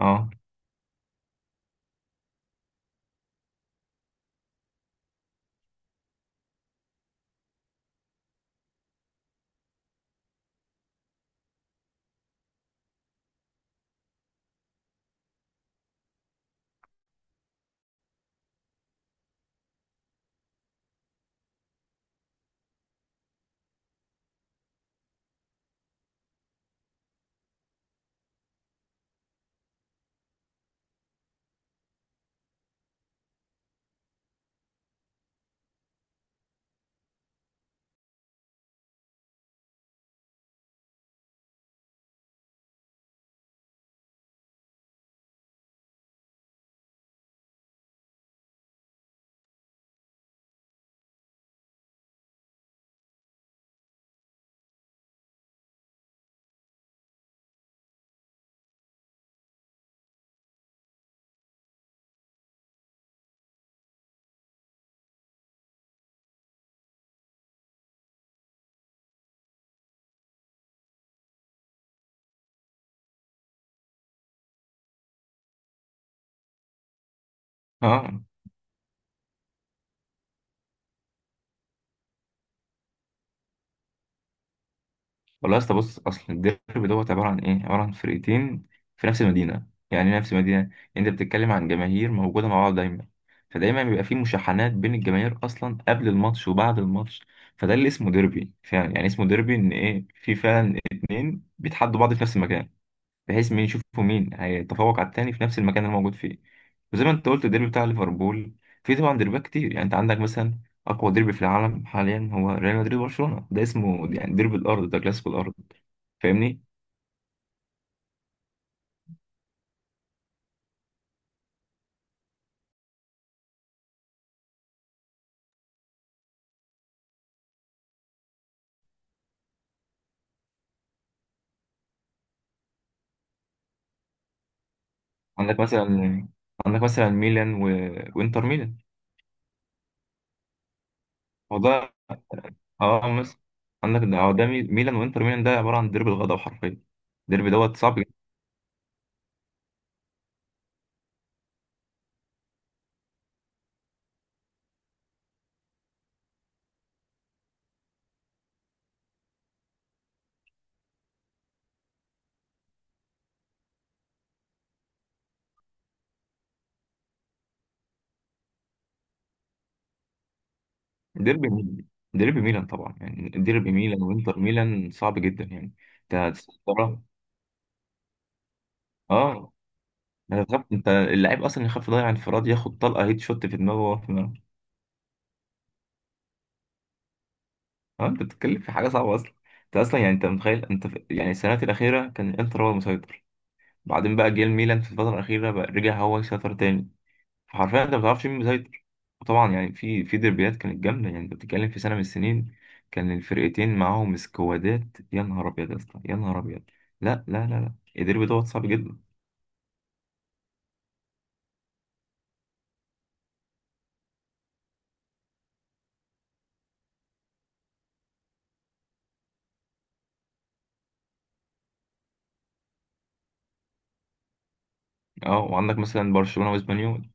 اه، اه، والله يا اسطى، بص. اصل الديربي دوت عباره عن ايه؟ عباره عن فرقتين في نفس المدينه، يعني إيه نفس المدينه؟ انت بتتكلم عن جماهير موجوده مع بعض دايما، فدايما بيبقى في مشاحنات بين الجماهير اصلا قبل الماتش وبعد الماتش. فده اللي اسمه ديربي فعلا، يعني اسمه ديربي ان ايه؟ في فعلا اتنين بيتحدوا بعض في نفس المكان، بحيث مين يشوفوا مين هيتفوق على التاني في نفس المكان اللي موجود فيه. وزي ما انت قلت الديربي بتاع ليفربول، في طبعا ديربيات كتير. يعني انت عندك مثلا اقوى ديربي في العالم حاليا هو ريال مدريد وبرشلونه، ده اسمه يعني ديربي الارض، ده كلاسيكو الارض. فاهمني؟ عندك مثلا عندك مثلا ميلان و... وانتر ميلان. هو ده. اه مثلا، عندك ده، هو ده ميلان وانتر ميلان، ده عباره عن ديربي الغضب حرفيا. ديربي دوت صعب جدا. ديربي ميلان ديربي ميلان طبعا، يعني ديربي ميلان وانتر ميلان صعب جدا يعني. انت هتستغرب. اه، انت تخاف، انت اللعيب اصلا يخاف يضيع انفراد، ياخد طلقه هيد شوت في دماغه وهو في الملعب. اه، انت بتتكلم في حاجه صعبه اصلا. انت اصلا يعني، انت متخيل انت يعني، السنوات الاخيره كان الانتر هو المسيطر، بعدين بقى جه الميلان في الفتره الاخيره بقى رجع هو يسيطر تاني. فحرفيا انت ما بتعرفش مين مسيطر. وطبعا يعني في في دربيات كانت جامده، يعني انت بتتكلم في سنه من السنين كان الفرقتين معاهم سكوادات. يا نهار ابيض يا اسطى، يا نهار ابيض. لا، لا، لا، لا، الديربي دوت صعب جدا. اه وعندك مثلا برشلونه واسبانيول.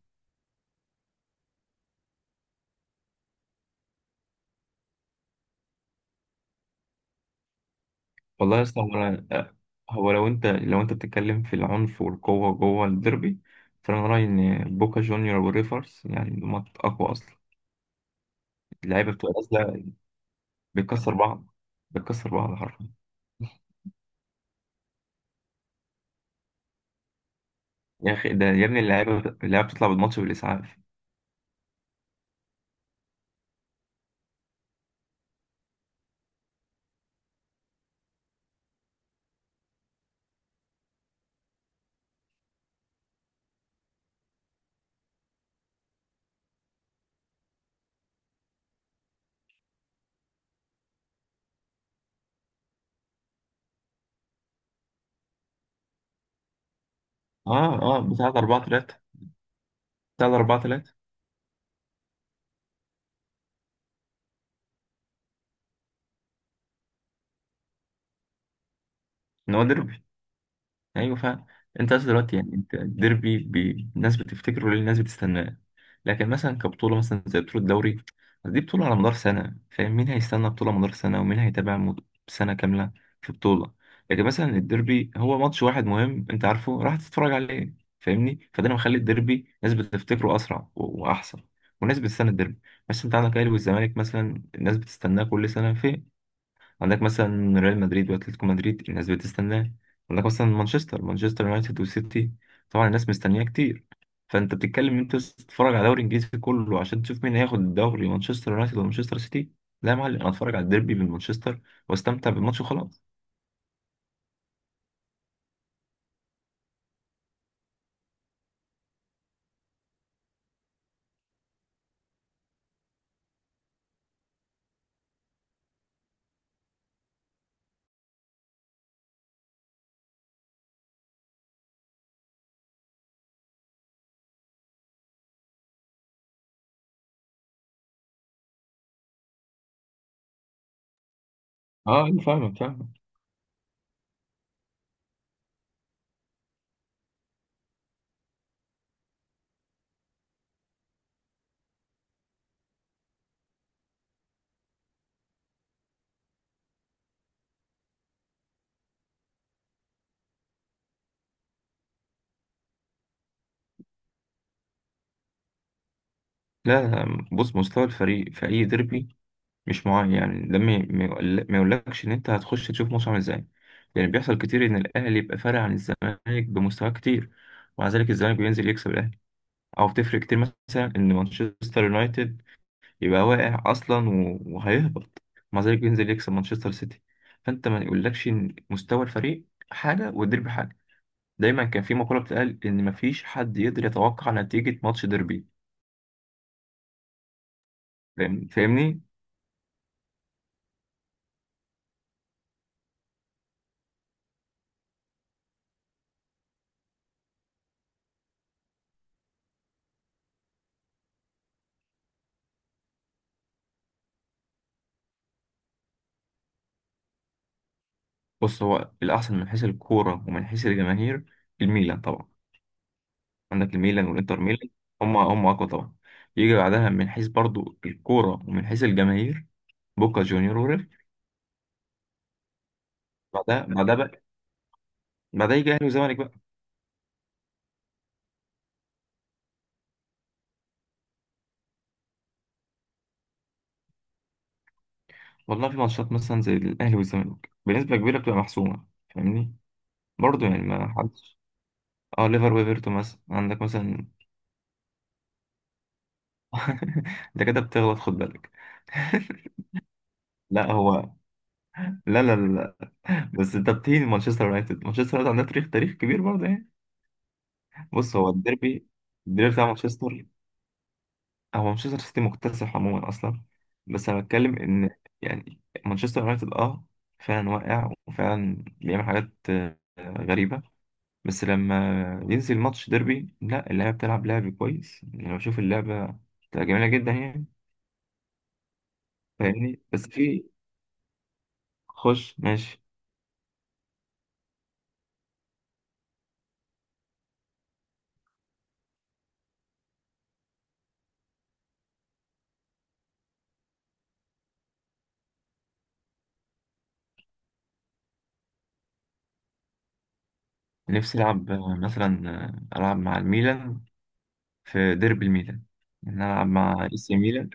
والله يا اسطى، هو أنا، هو لو انت، لو انت بتتكلم في العنف والقوه جوه الديربي، فانا رايي ان بوكا جونيور وريفرز يعني هما اقوى اصلا. اللعيبه بتبقى نازله، بتكسر بعض، بتكسر بعض حرفيا. يا اخي، ده يا ابني اللعيبه بتطلع بالماتش بالاسعاف. اه، اه، بتاع 4-3، بتاع 4-3. ان هو ديربي. ايوه فعلا. انت اصلا دلوقتي يعني، انت الديربي بي-، الناس بتفتكره ليه، الناس بتستناه. لكن مثلا كبطوله، مثلا زي بطوله الدوري، بس دي بطوله على مدار سنه، فاهم؟ مين هيستنى بطوله مدار سنه، ومين هيتابع مد- سنه كامله في بطوله؟ لكن مثلا الديربي هو ماتش واحد مهم، انت عارفه راح تتفرج عليه. فاهمني؟ فده اللي مخلي الديربي ناس بتفتكره اسرع و- واحسن، والناس بتستنى الديربي. بس انت عندك الاهلي والزمالك مثلا، الناس بتستناه كل سنه. فين عندك مثلا ريال مدريد واتلتيكو مدريد، الناس بتستناه. عندك مثلا مانشستر يونايتد وسيتي، طبعا الناس مستنياه كتير. فانت بتتكلم ان انت تتفرج على الدوري الانجليزي كله عشان تشوف مين هياخد الدوري، مانشستر يونايتد ولا مانشستر سيتي؟ لا يا معلم، انا اتفرج على الديربي من مانشستر واستمتع بالماتش وخلاص. اه، أنا فاهمك فاهمك. لا، بص، مستوى الفريق في اي ديربي مش معين، يعني ده ما يقولكش ان انت هتخش تشوف ماتش عامل ازاي. يعني بيحصل كتير ان الاهلي يبقى فارق عن الزمالك بمستوى كتير، ومع ذلك الزمالك بينزل يكسب الاهلي. او بتفرق كتير مثلا ان مانشستر يونايتد يبقى واقع اصلا و- وهيهبط، مع ذلك بينزل يكسب مانشستر سيتي. فانت ما يقولكش ان مستوى الفريق حاجه والديربي حاجه. دايما كان في مقوله بتقال ان مفيش حد يقدر يتوقع نتيجه ماتش ديربي. فاهمني؟ بص، هو الاحسن من حيث الكوره ومن حيث الجماهير، الميلان طبعا. عندك الميلان والانتر ميلان، هم اقوى طبعا. يجي بعدها من حيث برضو الكوره ومن حيث الجماهير بوكا جونيور وريف. بعدها بعدها بقى بعدها يجي اهلي وزمالك بقى. والله، في ماتشات مثلا زي الأهلي والزمالك بنسبة كبيرة بتبقى محسومة. فاهمني؟ برضه يعني ما حدش. اه ليفر وإيفرتون مثلا، عندك مثلا. انت كده بتغلط، خد بالك. لا هو، لا، لا، لا، لا، بس انت بتهين مانشستر يونايتد. مانشستر يونايتد عندها تاريخ كبير برضه يعني. بص، هو الديربي، الديربي بتاع مانشستر، هو مانشستر سيتي مكتسح عموما اصلا. بس انا بتكلم ان يعني مانشستر يونايتد، اه، فعلا واقع وفعلا بيعمل حاجات غريبة، بس لما ينزل ماتش ديربي، لا، اللعبة بتلعب لعب كويس. يعني لو بشوف اللعبة بتبقى جميلة جدا يعني. فاهمني؟ بس في. خش ماشي. نفسي ألعب مثلا، ألعب مع الميلان في ديربي الميلان، يعني ألعب مع إي سي ميلان.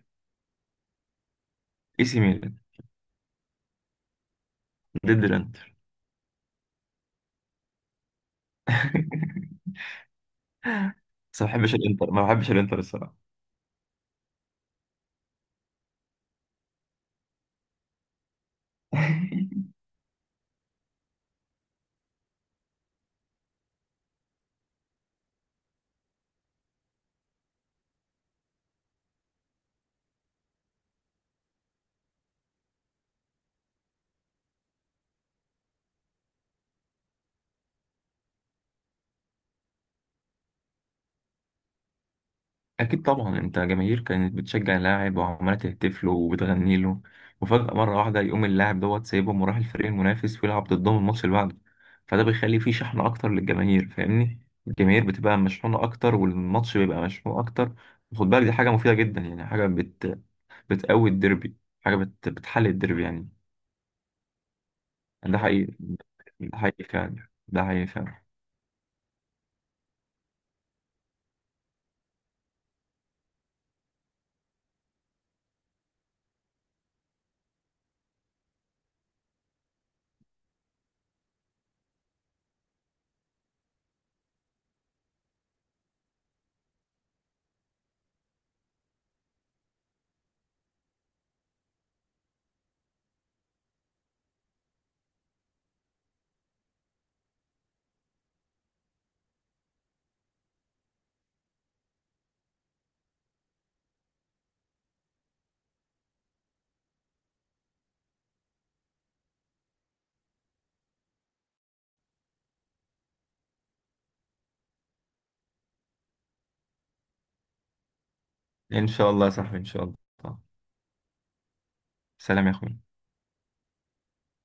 إي سي ميلان ضد الإنتر. بس ما بحبش الإنتر، ما بحبش الإنتر الصراحة. أكيد طبعا. أنت جماهير كانت بتشجع اللاعب وعمالة تهتف له وبتغني له، وفجأة مرة واحدة يقوم اللاعب دوت سايبهم وراح الفريق المنافس ويلعب ضدهم الماتش اللي بعده. فده بيخلي فيه شحن أكتر للجماهير، فاهمني؟ الجماهير بتبقى مشحونة أكتر والماتش بيبقى مشحون أكتر. وخد بالك دي حاجة مفيدة جدا، يعني حاجة بتقوي الديربي، حاجة بتحل الديربي يعني. ده حقيقي، ده حقيقي فعلا، ده حقيقي فعلا. إن شاء الله يا صاحبي، إن شاء الله. سلام يا أخوي.